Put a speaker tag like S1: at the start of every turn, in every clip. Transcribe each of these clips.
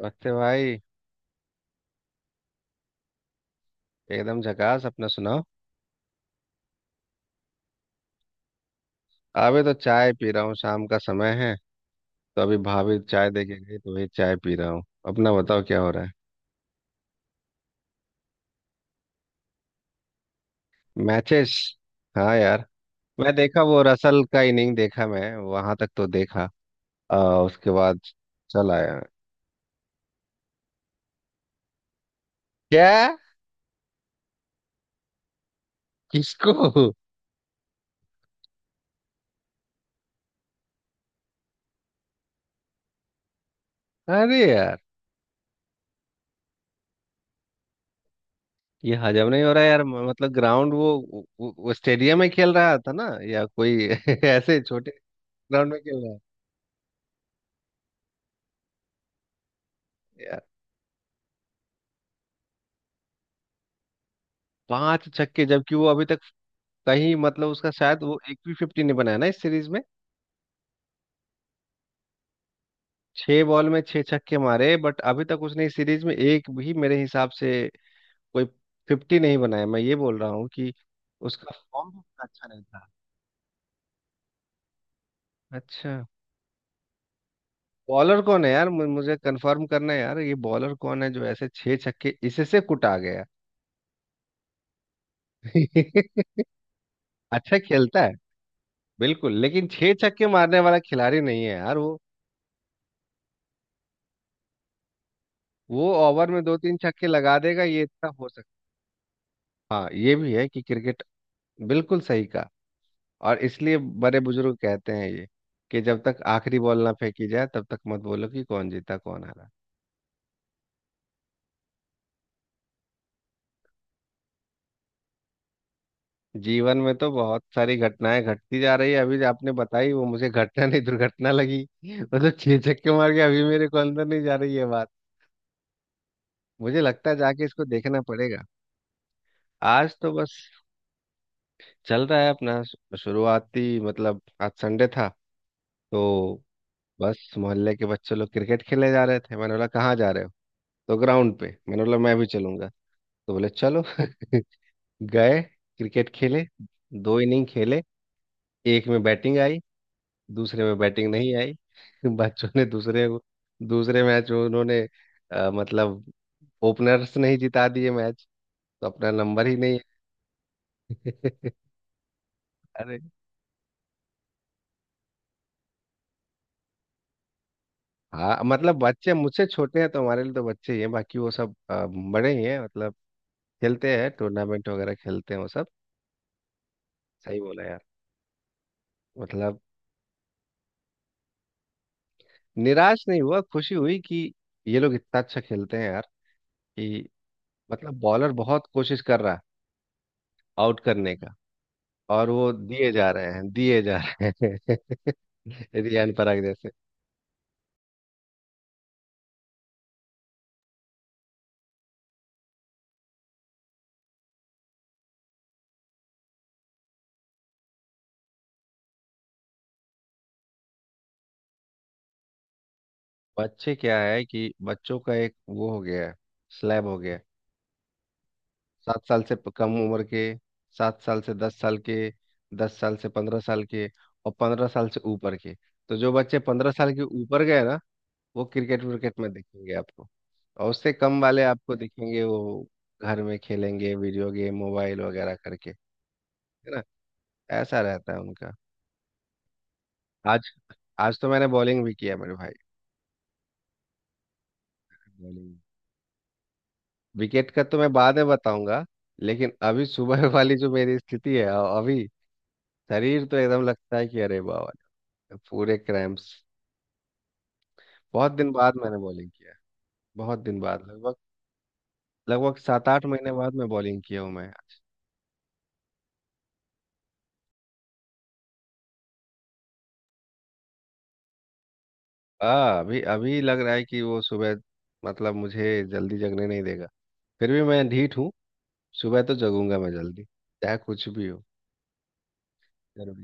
S1: नमस्ते भाई। एकदम झकास, अपना सुनाओ। अभी तो चाय पी रहा हूँ, शाम का समय है। तो अभी भाभी चाय दे के गई तो वही चाय पी रहा हूँ। अपना बताओ क्या हो रहा है। मैचेस। हाँ यार। मैं देखा वो रसल का इनिंग देखा, मैं वहां तक तो देखा। आ, उसके बाद चल आया। क्या। किसको। अरे यार, ये हजम नहीं हो रहा यार, मतलब ग्राउंड, वो स्टेडियम में खेल रहा था ना। या कोई ऐसे छोटे ग्राउंड में खेल रहा है यार। 5 छक्के, जबकि वो अभी तक कहीं, मतलब उसका शायद वो एक भी फिफ्टी नहीं बनाया ना इस सीरीज में। 6 बॉल में 6 छक्के मारे, बट अभी तक उसने इस सीरीज में एक भी मेरे हिसाब से कोई फिफ्टी नहीं बनाया। मैं ये बोल रहा हूँ कि उसका फॉर्म भी उतना अच्छा नहीं था। अच्छा। बॉलर कौन है यार, मुझे कंफर्म करना है यार, ये बॉलर कौन है जो ऐसे 6 छक्के इसे से कुटा गया। अच्छा खेलता है बिल्कुल, लेकिन 6 छक्के मारने वाला खिलाड़ी नहीं है यार वो। वो ओवर में 2-3 छक्के लगा देगा, ये इतना हो सकता। हाँ ये भी है कि क्रिकेट, बिल्कुल सही कहा। और इसलिए बड़े बुजुर्ग कहते हैं ये, कि जब तक आखिरी बॉल ना फेंकी जाए तब तक मत बोलो कि कौन जीता कौन हारा। जीवन में तो बहुत सारी घटनाएं घटती जा रही है। अभी जो आपने बताई वो मुझे घटना नहीं दुर्घटना लगी वो तो 6 छक्के मार के अभी मेरे को अंदर नहीं जा रही है बात। मुझे लगता है जाके इसको देखना पड़ेगा। आज तो बस चल रहा है अपना, शुरुआती, मतलब आज संडे था। तो बस मोहल्ले के बच्चे लोग क्रिकेट खेलने जा रहे थे। मैंने बोला कहाँ जा रहे हो। तो ग्राउंड पे। मैंने बोला मैं भी चलूंगा। तो बोले चलो गए, क्रिकेट खेले, 2 इनिंग खेले। एक में बैटिंग आई, दूसरे में बैटिंग नहीं आई बच्चों ने दूसरे दूसरे मैच में उन्होंने मतलब ओपनर्स नहीं जिता दिए मैच। तो अपना नंबर ही नहीं है अरे हाँ, मतलब बच्चे मुझसे छोटे हैं तो हमारे लिए तो बच्चे ही हैं, बाकी वो सब बड़े ही हैं। मतलब खेलते हैं, टूर्नामेंट वगैरह खेलते हैं वो सब। सही बोला यार। मतलब निराश नहीं हुआ, खुशी हुई कि ये लोग इतना अच्छा खेलते हैं यार कि, मतलब बॉलर बहुत कोशिश कर रहा है आउट करने का, और वो दिए जा रहे हैं, दिए जा रहे हैं रियान पराग जैसे। बच्चे क्या है कि बच्चों का एक वो हो गया है, स्लैब हो गया है। सात साल से कम उम्र के, 7 साल से दस साल के, 10 साल से 15 साल के, और 15 साल से ऊपर के। तो जो बच्चे 15 साल के ऊपर गए ना, वो क्रिकेट विकेट में दिखेंगे आपको। और उससे कम वाले आपको दिखेंगे वो घर में खेलेंगे वीडियो गेम मोबाइल वगैरह करके। है ना, ऐसा रहता है उनका। आज तो मैंने बॉलिंग भी किया मेरे भाई। बॉलिंग विकेट का तो मैं बाद में बताऊंगा, लेकिन अभी सुबह वाली जो मेरी स्थिति है, अभी शरीर तो एकदम लगता है कि अरे बाबा, पूरे क्रैम्प्स। बहुत दिन बाद मैंने बॉलिंग किया। बहुत दिन बाद, लगभग लगभग 7-8 महीने बाद मैं बॉलिंग किया हूँ मैं। आ अभी अभी लग रहा है कि वो सुबह, मतलब मुझे जल्दी जगने नहीं देगा। फिर भी मैं ढीठ हूँ, सुबह तो जगूंगा मैं जल्दी चाहे कुछ भी हो।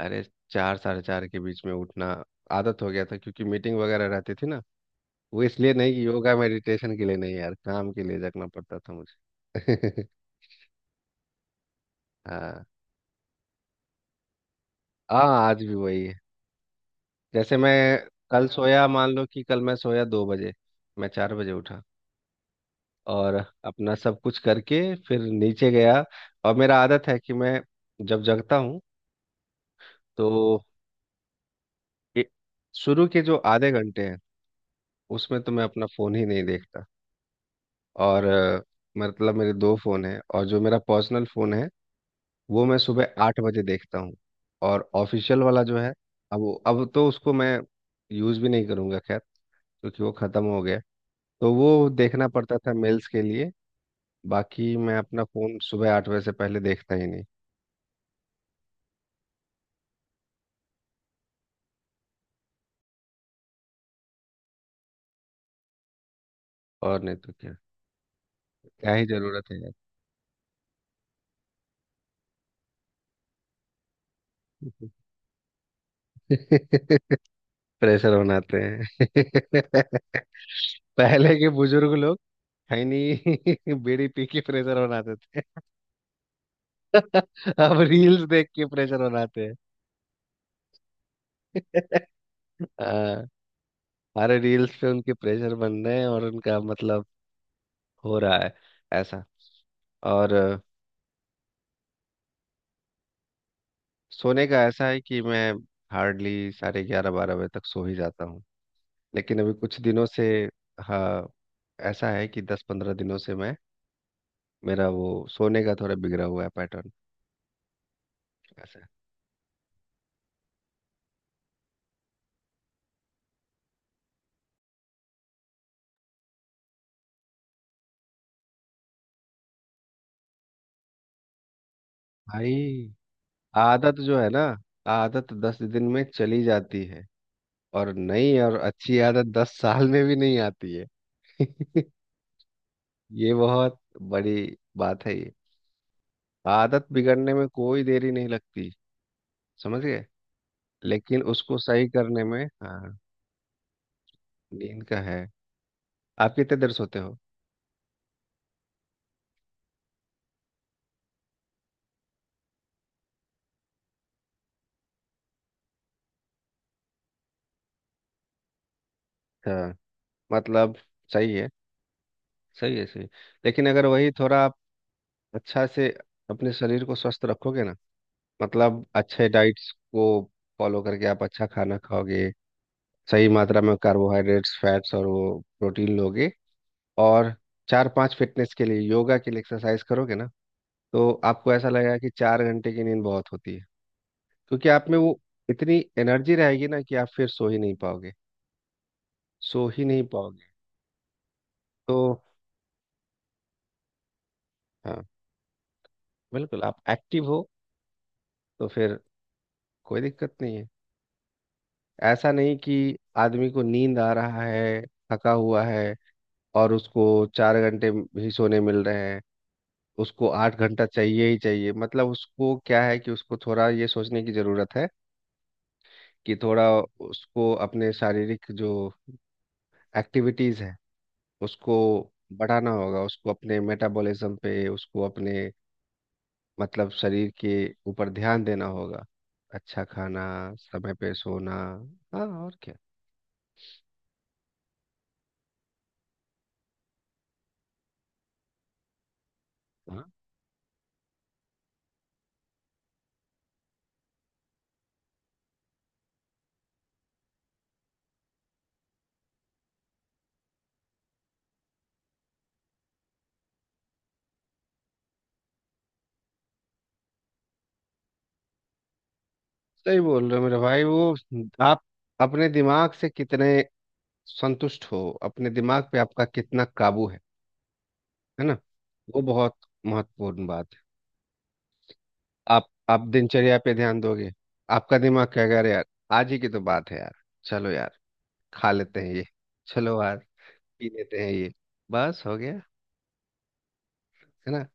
S1: अरे 4 साढ़े 4 के बीच में उठना आदत हो गया था क्योंकि मीटिंग वगैरह रहती थी ना। वो इसलिए नहीं कि योगा मेडिटेशन के लिए, नहीं यार, काम के लिए जगना पड़ता था मुझे हाँ। हाँ, आज भी वही है। जैसे मैं कल सोया, मान लो कि कल मैं सोया 2 बजे, मैं 4 बजे उठा। और अपना सब कुछ करके फिर नीचे गया। और मेरा आदत है कि मैं जब जगता हूँ तो ए- शुरू के जो आधे घंटे हैं उसमें तो मैं अपना फोन ही नहीं। और मतलब मेरे दो फ़ोन हैं, और जो मेरा पर्सनल फ़ोन है वो मैं सुबह 8 बजे देखता हूँ। और ऑफिशियल वाला जो है, अब तो उसको मैं यूज़ भी नहीं करूँगा खैर, क्योंकि वो ख़त्म हो गया। तो वो देखना पड़ता था मेल्स के लिए। बाकी मैं अपना फ़ोन सुबह 8 बजे से पहले देखता ही नहीं। और नहीं तो क्या, क्या ही ज़रूरत है यार प्रेशर बनाते हैं पहले के बुजुर्ग लोग, है नहीं बीड़ी पी के प्रेशर बनाते थे अब रील्स देख के प्रेशर बनाते हैं हाँ, अरे रील्स पे उनके प्रेशर बन रहे हैं, और उनका मतलब हो रहा है ऐसा। और सोने का ऐसा है कि मैं हार्डली साढ़े 11 12 बजे तक सो ही जाता हूँ। लेकिन अभी कुछ दिनों से, हाँ, ऐसा है कि 10-15 दिनों से मैं, मेरा वो सोने का थोड़ा बिगड़ा हुआ है पैटर्न, ऐसा है। भाई आदत जो है ना, आदत 10 दिन में चली जाती है, और नई और अच्छी आदत 10 साल में भी नहीं आती है ये बहुत बड़ी बात है ये। आदत बिगड़ने में कोई देरी नहीं लगती, समझ गए। लेकिन उसको सही करने में, हाँ। नींद का है, आप कितने देर सोते हो। अच्छा, मतलब सही है, सही है, सही है। लेकिन अगर वही थोड़ा आप अच्छा से अपने शरीर को स्वस्थ रखोगे ना, मतलब अच्छे डाइट्स को फॉलो करके आप अच्छा खाना खाओगे, सही मात्रा में कार्बोहाइड्रेट्स फैट्स और वो प्रोटीन लोगे, और चार पांच फिटनेस के लिए योगा के लिए एक्सरसाइज करोगे ना, तो आपको ऐसा लगेगा कि 4 घंटे की नींद बहुत होती है। क्योंकि आप में वो इतनी एनर्जी रहेगी ना कि आप फिर सो ही नहीं पाओगे। तो हाँ, बिल्कुल, आप एक्टिव हो तो फिर कोई दिक्कत नहीं है। ऐसा नहीं कि आदमी को नींद आ रहा है, थका हुआ है, और उसको 4 घंटे ही सोने मिल रहे हैं। उसको 8 घंटा चाहिए ही चाहिए, मतलब उसको क्या है कि उसको थोड़ा ये सोचने की जरूरत है कि थोड़ा उसको अपने शारीरिक जो एक्टिविटीज है उसको बढ़ाना होगा। उसको अपने मेटाबॉलिज्म पे, उसको अपने मतलब शरीर के ऊपर ध्यान देना होगा। अच्छा खाना, समय पे सोना, हाँ और क्या। हाँ सही बोल रहे हो मेरे भाई, वो आप अपने दिमाग से कितने संतुष्ट हो, अपने दिमाग पे आपका कितना काबू है ना। वो बहुत महत्वपूर्ण बात है। आप दिनचर्या पे ध्यान दोगे, आपका दिमाग क्या कर यार, आज ही की तो बात है यार। चलो यार खा लेते हैं ये, चलो यार पी लेते हैं ये, बस हो गया। है ना।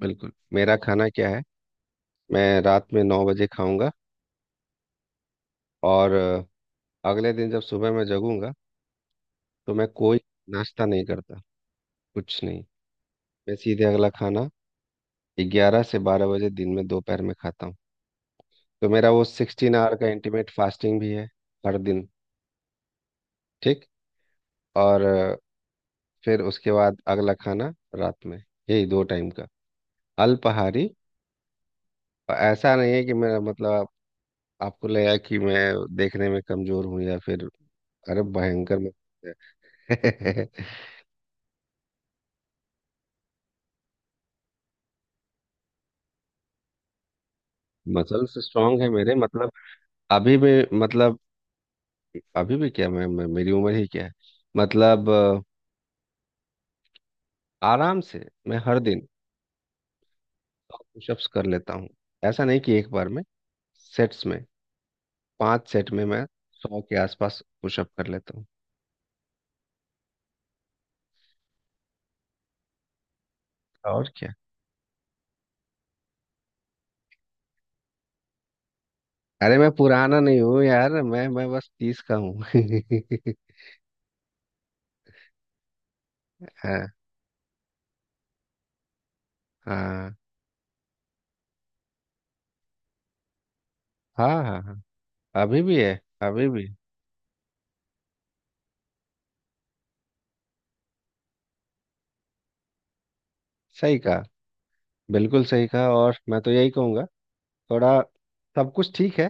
S1: बिल्कुल, मेरा खाना क्या है, मैं रात में 9 बजे खाऊंगा, और अगले दिन जब सुबह मैं जगूंगा तो मैं कोई नाश्ता नहीं करता, कुछ नहीं। मैं सीधे अगला खाना 11 से 12 बजे दिन में दोपहर में खाता हूँ। तो मेरा वो 16 आवर का इंटीमेट फास्टिंग भी है हर दिन। ठीक, और फिर उसके बाद अगला खाना रात में। यही दो टाइम का अल्पाहारी। और ऐसा नहीं है कि मेरा मतलब आपको लगा कि मैं देखने में कमजोर हूँ या फिर, अरे भयंकर मत मसल्स स्ट्रांग है मेरे, मतलब अभी भी, मतलब अभी भी क्या मैं मेरी उम्र ही क्या है, मतलब आराम से मैं हर दिन पुशअप्स कर लेता हूँ। ऐसा नहीं कि एक बार में, सेट्स में, 5 सेट में मैं 100 के आसपास पुशअप कर लेता हूँ। और क्या। अरे मैं पुराना नहीं हूँ यार, मैं बस 30 का हूँ हाँ हाँ हाँ हाँ हाँ, अभी भी है, अभी भी। सही कहा, बिल्कुल सही कहा। और मैं तो यही कहूँगा थोड़ा, सब कुछ ठीक है,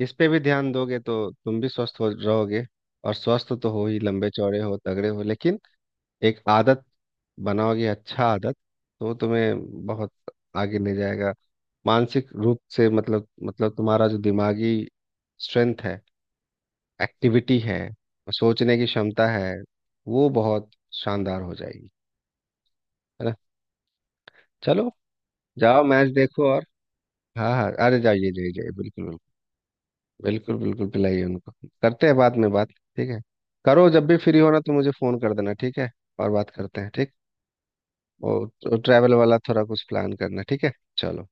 S1: इस पे भी ध्यान दोगे तो तुम भी स्वस्थ हो रहोगे। और स्वस्थ तो हो ही, लंबे चौड़े हो, तगड़े हो, लेकिन एक आदत बनाओगे अच्छा आदत, तो वो तुम्हें बहुत आगे ले जाएगा। मानसिक रूप से, मतलब तुम्हारा जो दिमागी स्ट्रेंथ है, एक्टिविटी है, सोचने की क्षमता है, वो बहुत शानदार हो जाएगी। है ना। चलो, जाओ मैच देखो और, हाँ हाँ अरे जाइए जाइए जाइए। बिल्कुल बिल्कुल बिल्कुल बिल्कुल पिलाइए उनको। करते हैं बाद में बात। ठीक है, करो जब भी फ्री हो ना तो मुझे फ़ोन कर देना ठीक है। और बात करते हैं ठीक। और ट्रैवल वाला थोड़ा कुछ प्लान करना ठीक है। चलो।